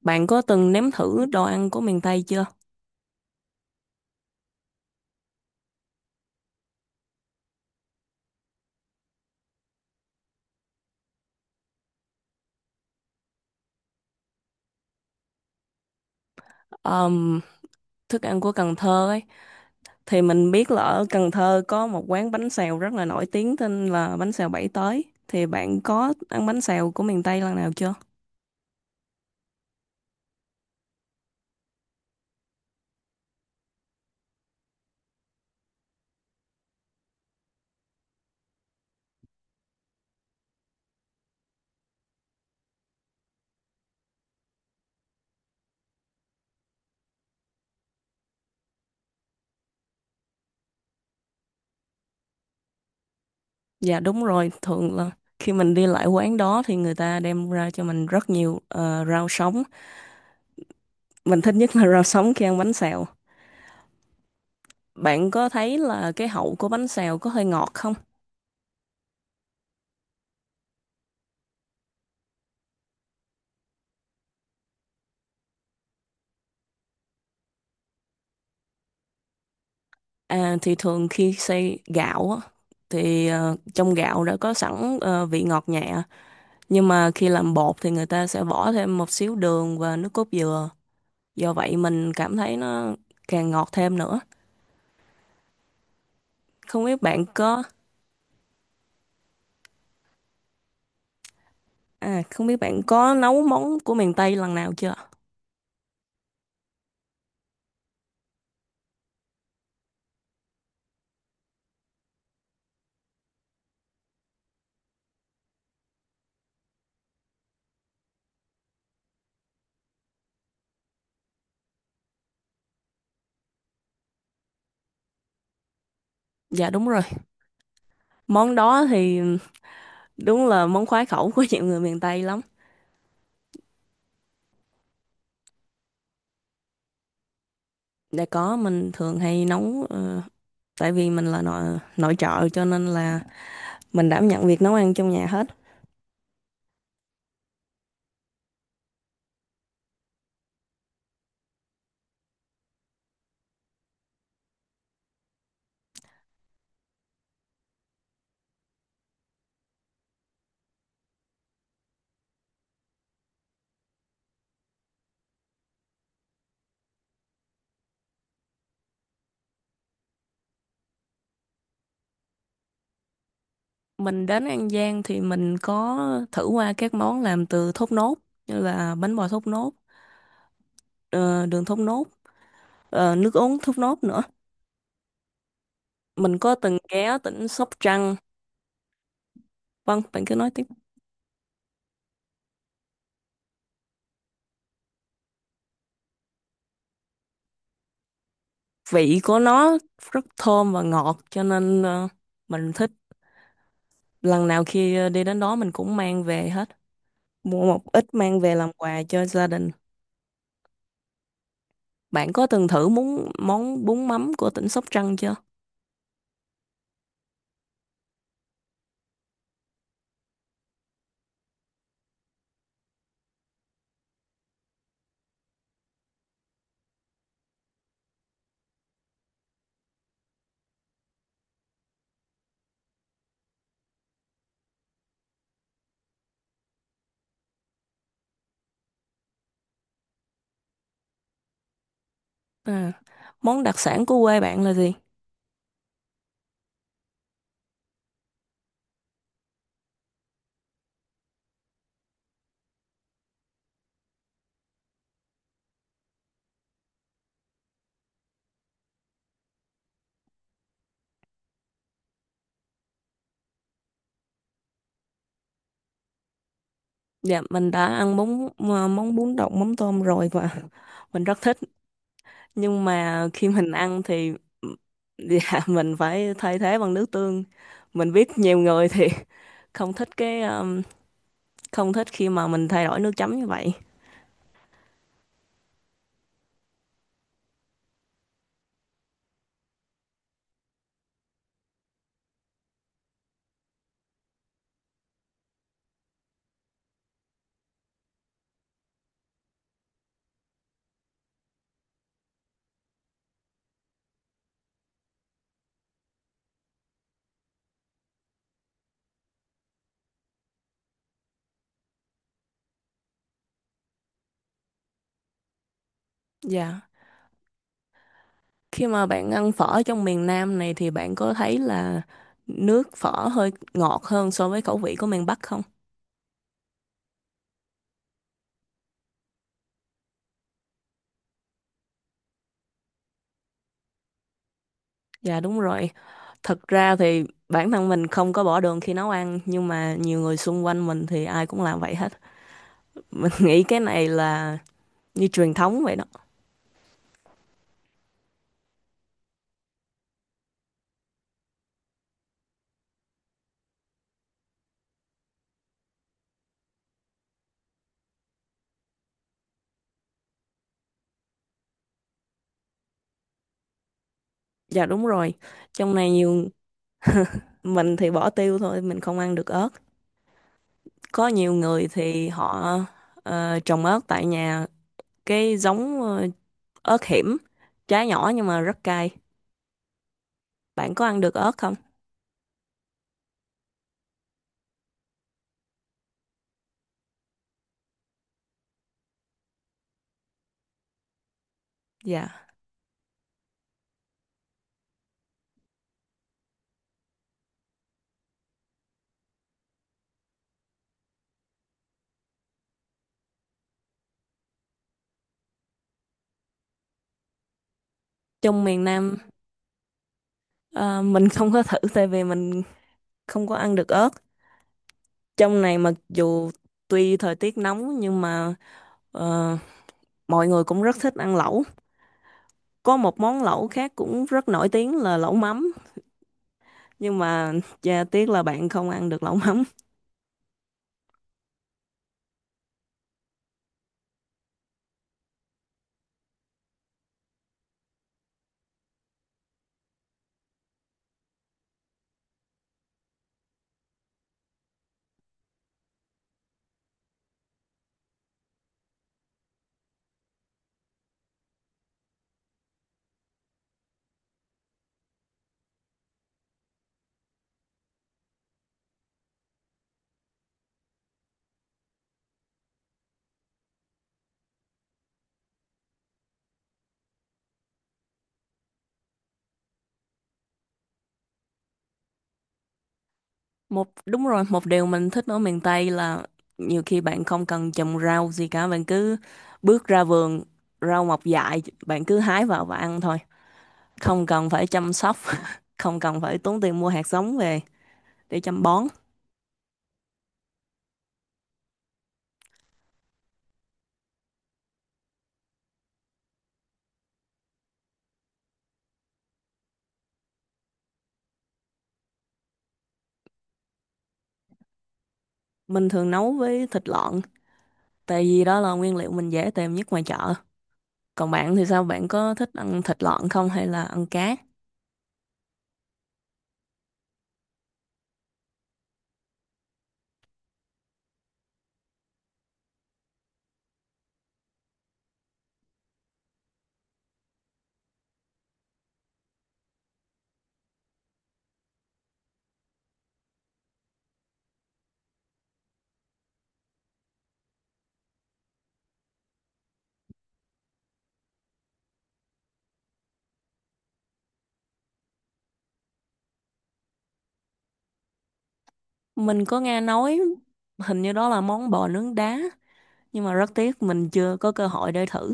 Bạn có từng nếm thử đồ ăn của miền Tây chưa? Ờm, thức ăn của Cần Thơ ấy thì mình biết là ở Cần Thơ có một quán bánh xèo rất là nổi tiếng tên là bánh xèo Bảy Tới. Thì bạn có ăn bánh xèo của miền Tây lần nào chưa? Dạ đúng rồi, thường là khi mình đi lại quán đó thì người ta đem ra cho mình rất nhiều rau sống. Mình thích nhất là rau sống khi ăn bánh xèo. Bạn có thấy là cái hậu của bánh xèo có hơi ngọt không? À, thì thường khi xay gạo á, thì trong gạo đã có sẵn vị ngọt nhẹ, nhưng mà khi làm bột thì người ta sẽ bỏ thêm một xíu đường và nước cốt dừa, do vậy mình cảm thấy nó càng ngọt thêm nữa. Không biết bạn có, không biết bạn có nấu món của miền Tây lần nào chưa? Dạ đúng rồi, món đó thì đúng là món khoái khẩu của nhiều người miền Tây lắm. Đã có, mình thường hay nấu, tại vì mình là nội nội trợ cho nên là mình đảm nhận việc nấu ăn trong nhà hết. Mình đến An Giang thì mình có thử qua các món làm từ thốt nốt, như là bánh bò thốt nốt, ờ, đường thốt nốt, nước uống thốt nốt nữa. Mình có từng ghé tỉnh Sóc Trăng. Vâng, bạn cứ nói tiếp. Vị của nó rất thơm và ngọt cho nên mình thích. Lần nào khi đi đến đó mình cũng mang về hết, mua một ít mang về làm quà cho gia đình. Bạn có từng thử món món bún mắm của tỉnh Sóc Trăng chưa? À, món đặc sản của quê bạn là gì? Dạ, mình đã ăn món bún đậu mắm tôm rồi và mình rất thích. Nhưng mà khi mình ăn thì, dạ, mình phải thay thế bằng nước tương. Mình biết nhiều người thì không thích cái không thích khi mà mình thay đổi nước chấm như vậy. Dạ. Khi mà bạn ăn phở trong miền Nam này thì bạn có thấy là nước phở hơi ngọt hơn so với khẩu vị của miền Bắc không? Dạ đúng rồi. Thật ra thì bản thân mình không có bỏ đường khi nấu ăn, nhưng mà nhiều người xung quanh mình thì ai cũng làm vậy hết. Mình nghĩ cái này là như truyền thống vậy đó. Dạ đúng rồi. Trong này nhiều, mình thì bỏ tiêu thôi, mình không ăn được ớt. Có nhiều người thì họ trồng ớt tại nhà, cái giống ớt hiểm, trái nhỏ nhưng mà rất cay. Bạn có ăn được ớt không? Dạ. Trong miền Nam ờ, mình không có thử tại vì mình không có ăn được ớt. Trong này mặc dù tuy thời tiết nóng nhưng mà ờ, mọi người cũng rất thích ăn lẩu. Có một món lẩu khác cũng rất nổi tiếng là lẩu mắm. Nhưng mà chà, tiếc là bạn không ăn được lẩu mắm. Một đúng rồi, một điều mình thích ở miền Tây là nhiều khi bạn không cần trồng rau gì cả, bạn cứ bước ra vườn, rau mọc dại, bạn cứ hái vào và ăn thôi. Không cần phải chăm sóc, không cần phải tốn tiền mua hạt giống về để chăm bón. Mình thường nấu với thịt lợn, tại vì đó là nguyên liệu mình dễ tìm nhất ngoài chợ. Còn bạn thì sao, bạn có thích ăn thịt lợn không hay là ăn cá? Mình có nghe nói hình như đó là món bò nướng đá, nhưng mà rất tiếc mình chưa có cơ hội để thử.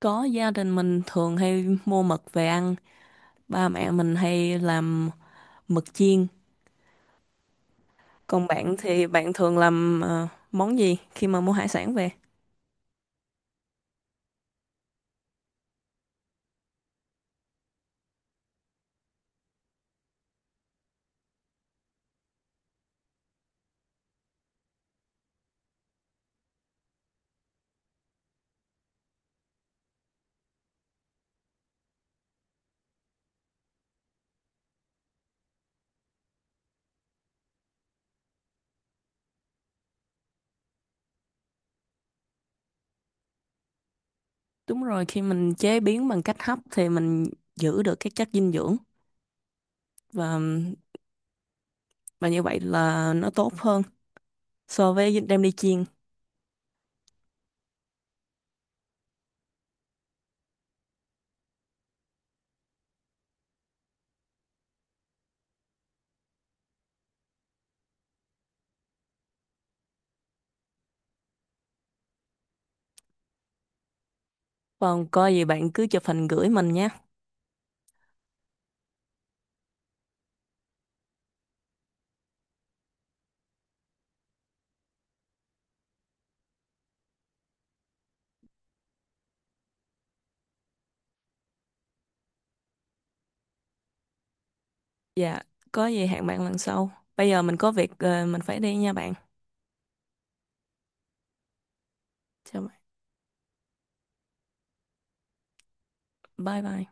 Có, gia đình mình thường hay mua mực về ăn, ba mẹ mình hay làm mực chiên. Còn bạn thì bạn thường làm món gì khi mà mua hải sản về? Đúng rồi, khi mình chế biến bằng cách hấp thì mình giữ được các chất dinh dưỡng, và và như vậy là nó tốt hơn so với đem đi chiên. Còn có gì bạn cứ chụp hình gửi mình nhé. Dạ, có gì hẹn bạn lần sau. Bây giờ mình có việc, mình phải đi nha bạn. Chào bạn. Bye bye.